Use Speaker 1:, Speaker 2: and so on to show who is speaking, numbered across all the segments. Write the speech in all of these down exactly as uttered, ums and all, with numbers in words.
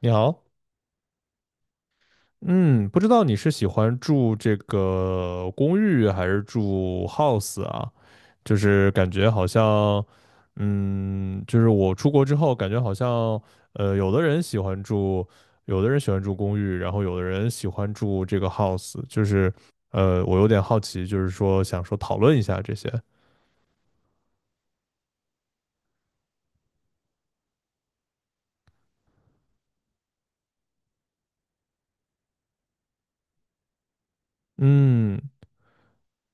Speaker 1: 你好，嗯，不知道你是喜欢住这个公寓还是住 house 啊？就是感觉好像，嗯，就是我出国之后，感觉好像，呃，有的人喜欢住，有的人喜欢住公寓，然后有的人喜欢住这个 house，就是，呃，我有点好奇，就是说想说讨论一下这些。嗯，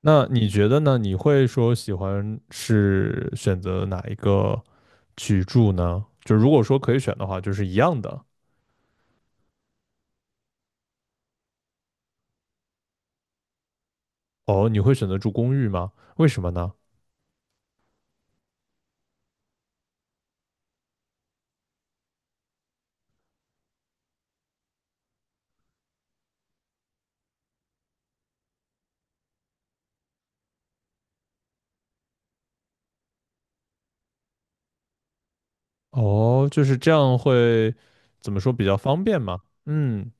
Speaker 1: 那你觉得呢？你会说喜欢是选择哪一个，去住呢？就如果说可以选的话，就是一样的。哦，你会选择住公寓吗？为什么呢？哦，就是这样会怎么说比较方便吗？嗯，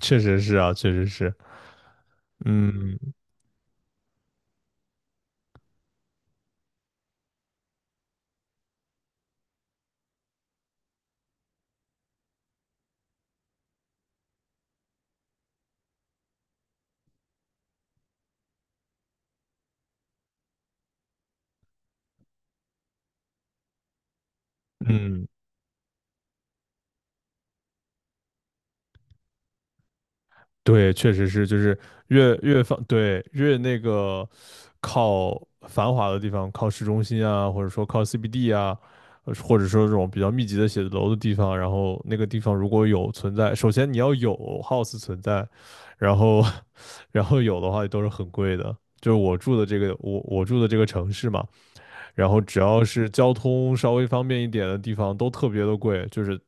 Speaker 1: 确实是啊，确实是。嗯嗯。对，确实是，就是越越放，对，越那个靠繁华的地方，靠市中心啊，或者说靠 C B D 啊，呃或者说这种比较密集的写字楼的地方，然后那个地方如果有存在，首先你要有 house 存在，然后 然后有的话都是很贵的。就是我住的这个，我我住的这个城市嘛，然后只要是交通稍微方便一点的地方都特别的贵，就是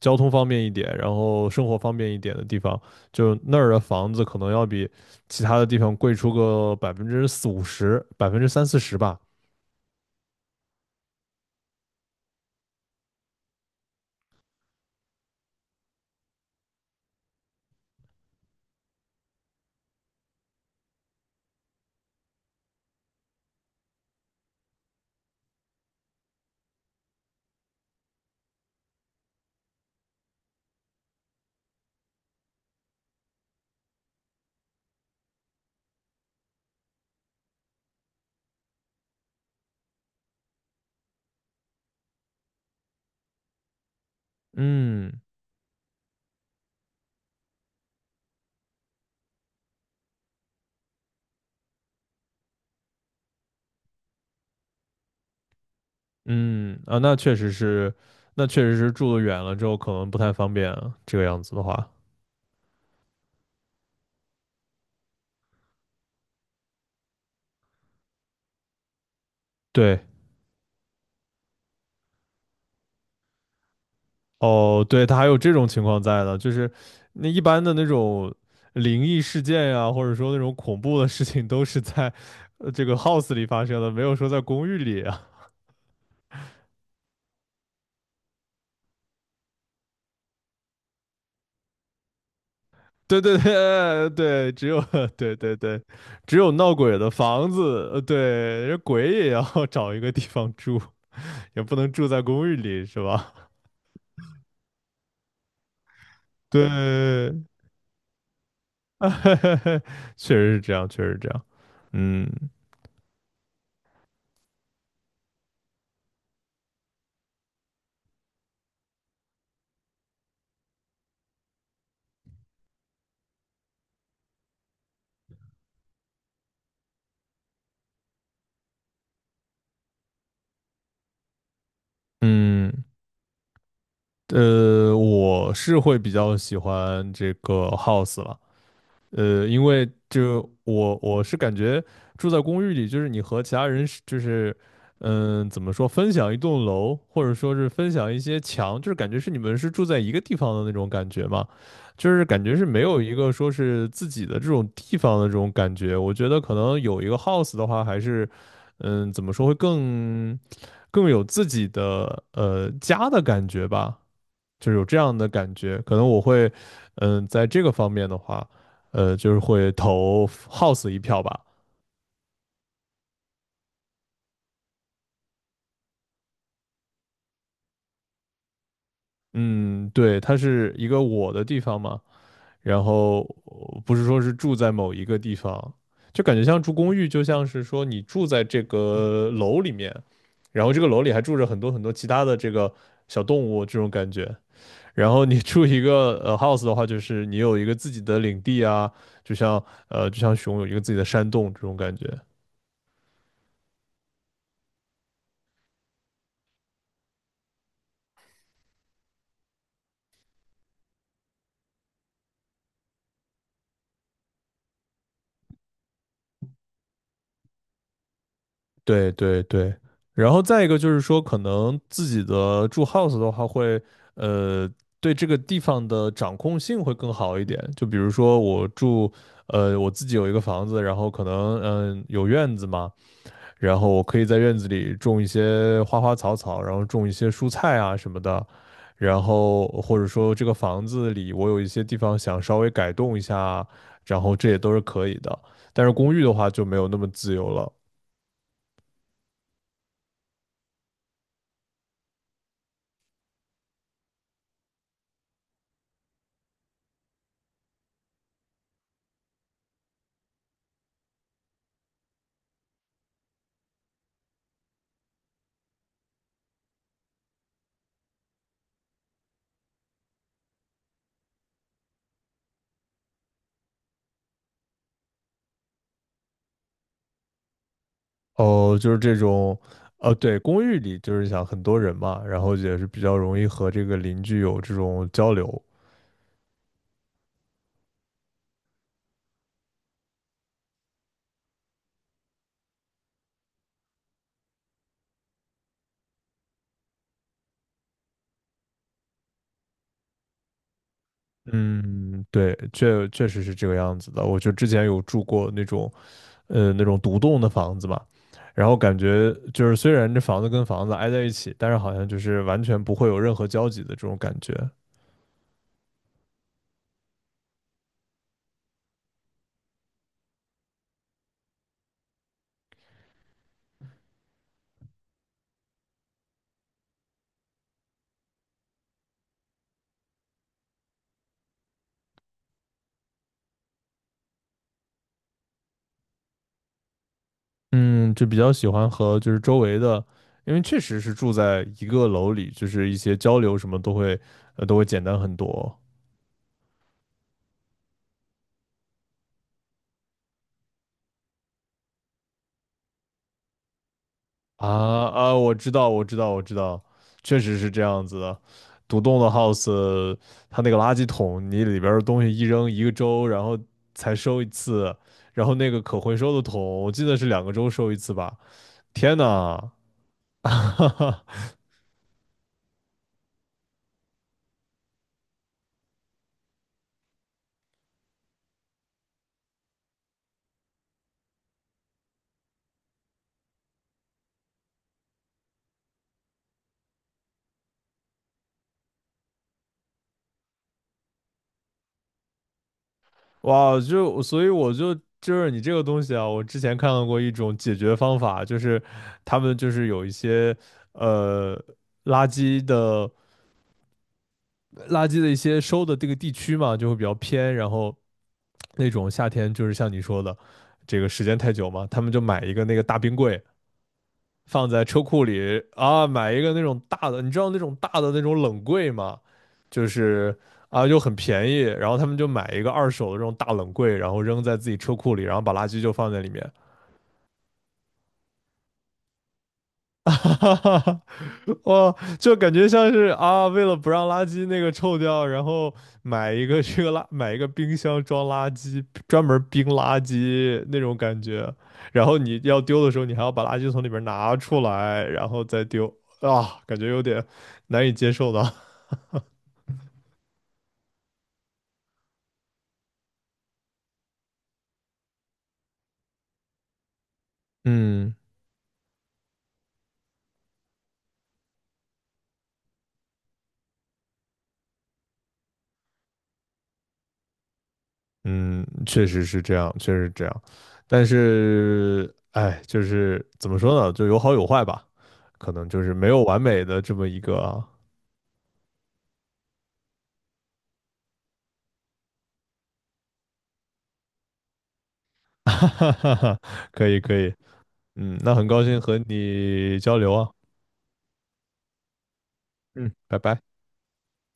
Speaker 1: 交通方便一点，然后生活方便一点的地方，就那儿的房子可能要比其他的地方贵出个百分之四五十、百分之三四十吧。嗯嗯啊，那确实是，那确实是住得远了之后可能不太方便啊，这个样子的话，对。哦，对，它还有这种情况在的，就是那一般的那种灵异事件呀，或者说那种恐怖的事情，都是在呃这个 house 里发生的，没有说在公寓里啊。对对对对，只有 对对对，只有闹鬼的房子，呃对，人鬼也要 找一个地方住，也不能住在公寓里，是吧？对，确实是这样，确实是这样。嗯嗯。呃，我是会比较喜欢这个 house 了，呃，因为就我我是感觉住在公寓里，就是你和其他人是就是嗯、怎么说，分享一栋楼，或者说是分享一些墙，就是感觉是你们是住在一个地方的那种感觉嘛，就是感觉是没有一个说是自己的这种地方的这种感觉。我觉得可能有一个 house 的话，还是嗯、怎么说会更更有自己的呃家的感觉吧。就是有这样的感觉。可能我会，嗯，呃在这个方面的话，呃，就是会投 House 一票吧。嗯，对，它是一个我的地方嘛，然后不是说是住在某一个地方，就感觉像住公寓，就像是说你住在这个楼里面，然后这个楼里还住着很多很多其他的这个小动物这种感觉。然后你住一个呃 house 的话，就是你有一个自己的领地啊，就像呃就像熊有一个自己的山洞这种感觉。对对对，然后再一个就是说，可能自己的住 house 的话会，呃，对这个地方的掌控性会更好一点。就比如说我住，呃，我自己有一个房子，然后可能嗯、呃有院子嘛，然后我可以在院子里种一些花花草草，然后种一些蔬菜啊什么的，然后或者说这个房子里我有一些地方想稍微改动一下啊，然后这也都是可以的。但是公寓的话就没有那么自由了。哦，就是这种，呃，对，公寓里就是想很多人嘛，然后也是比较容易和这个邻居有这种交流。嗯，对，确确实是这个样子的。我就之前有住过那种，呃，那种独栋的房子嘛，然后感觉就是虽然这房子跟房子挨在一起，但是好像就是完全不会有任何交集的这种感觉。嗯，就比较喜欢和就是周围的，因为确实是住在一个楼里，就是一些交流什么都会，呃，都会简单很多。啊啊，我知道，我知道，我知道，确实是这样子的。独栋的 house，它那个垃圾桶，你里边儿的东西一扔一个周，然后才收一次，然后那个可回收的桶，我记得是两个周收一次吧。天呐，哇，就所以我就就是你这个东西啊，我之前看到过一种解决方法，就是他们就是有一些呃垃圾的垃圾的一些收的这个地区嘛，就会比较偏，然后，那种夏天就是像你说的，这个时间太久嘛，他们就买一个那个大冰柜放在车库里啊，买一个那种大的，你知道那种大的那种冷柜吗？就是啊，又很便宜，然后他们就买一个二手的这种大冷柜，然后扔在自己车库里，然后把垃圾就放在里面，哈哈哈，哇，就感觉像是啊，为了不让垃圾那个臭掉，然后买一个这个垃，买一个冰箱装垃圾，专门冰垃圾那种感觉。然后你要丢的时候，你还要把垃圾从里边拿出来，然后再丢啊，感觉有点难以接受的。嗯嗯，确实是这样，确实是这样。但是，哎，就是怎么说呢，就有好有坏吧，可能就是没有完美的这么一个。哈哈哈哈，可以可以，嗯，那很高兴和你交流啊，嗯，拜拜。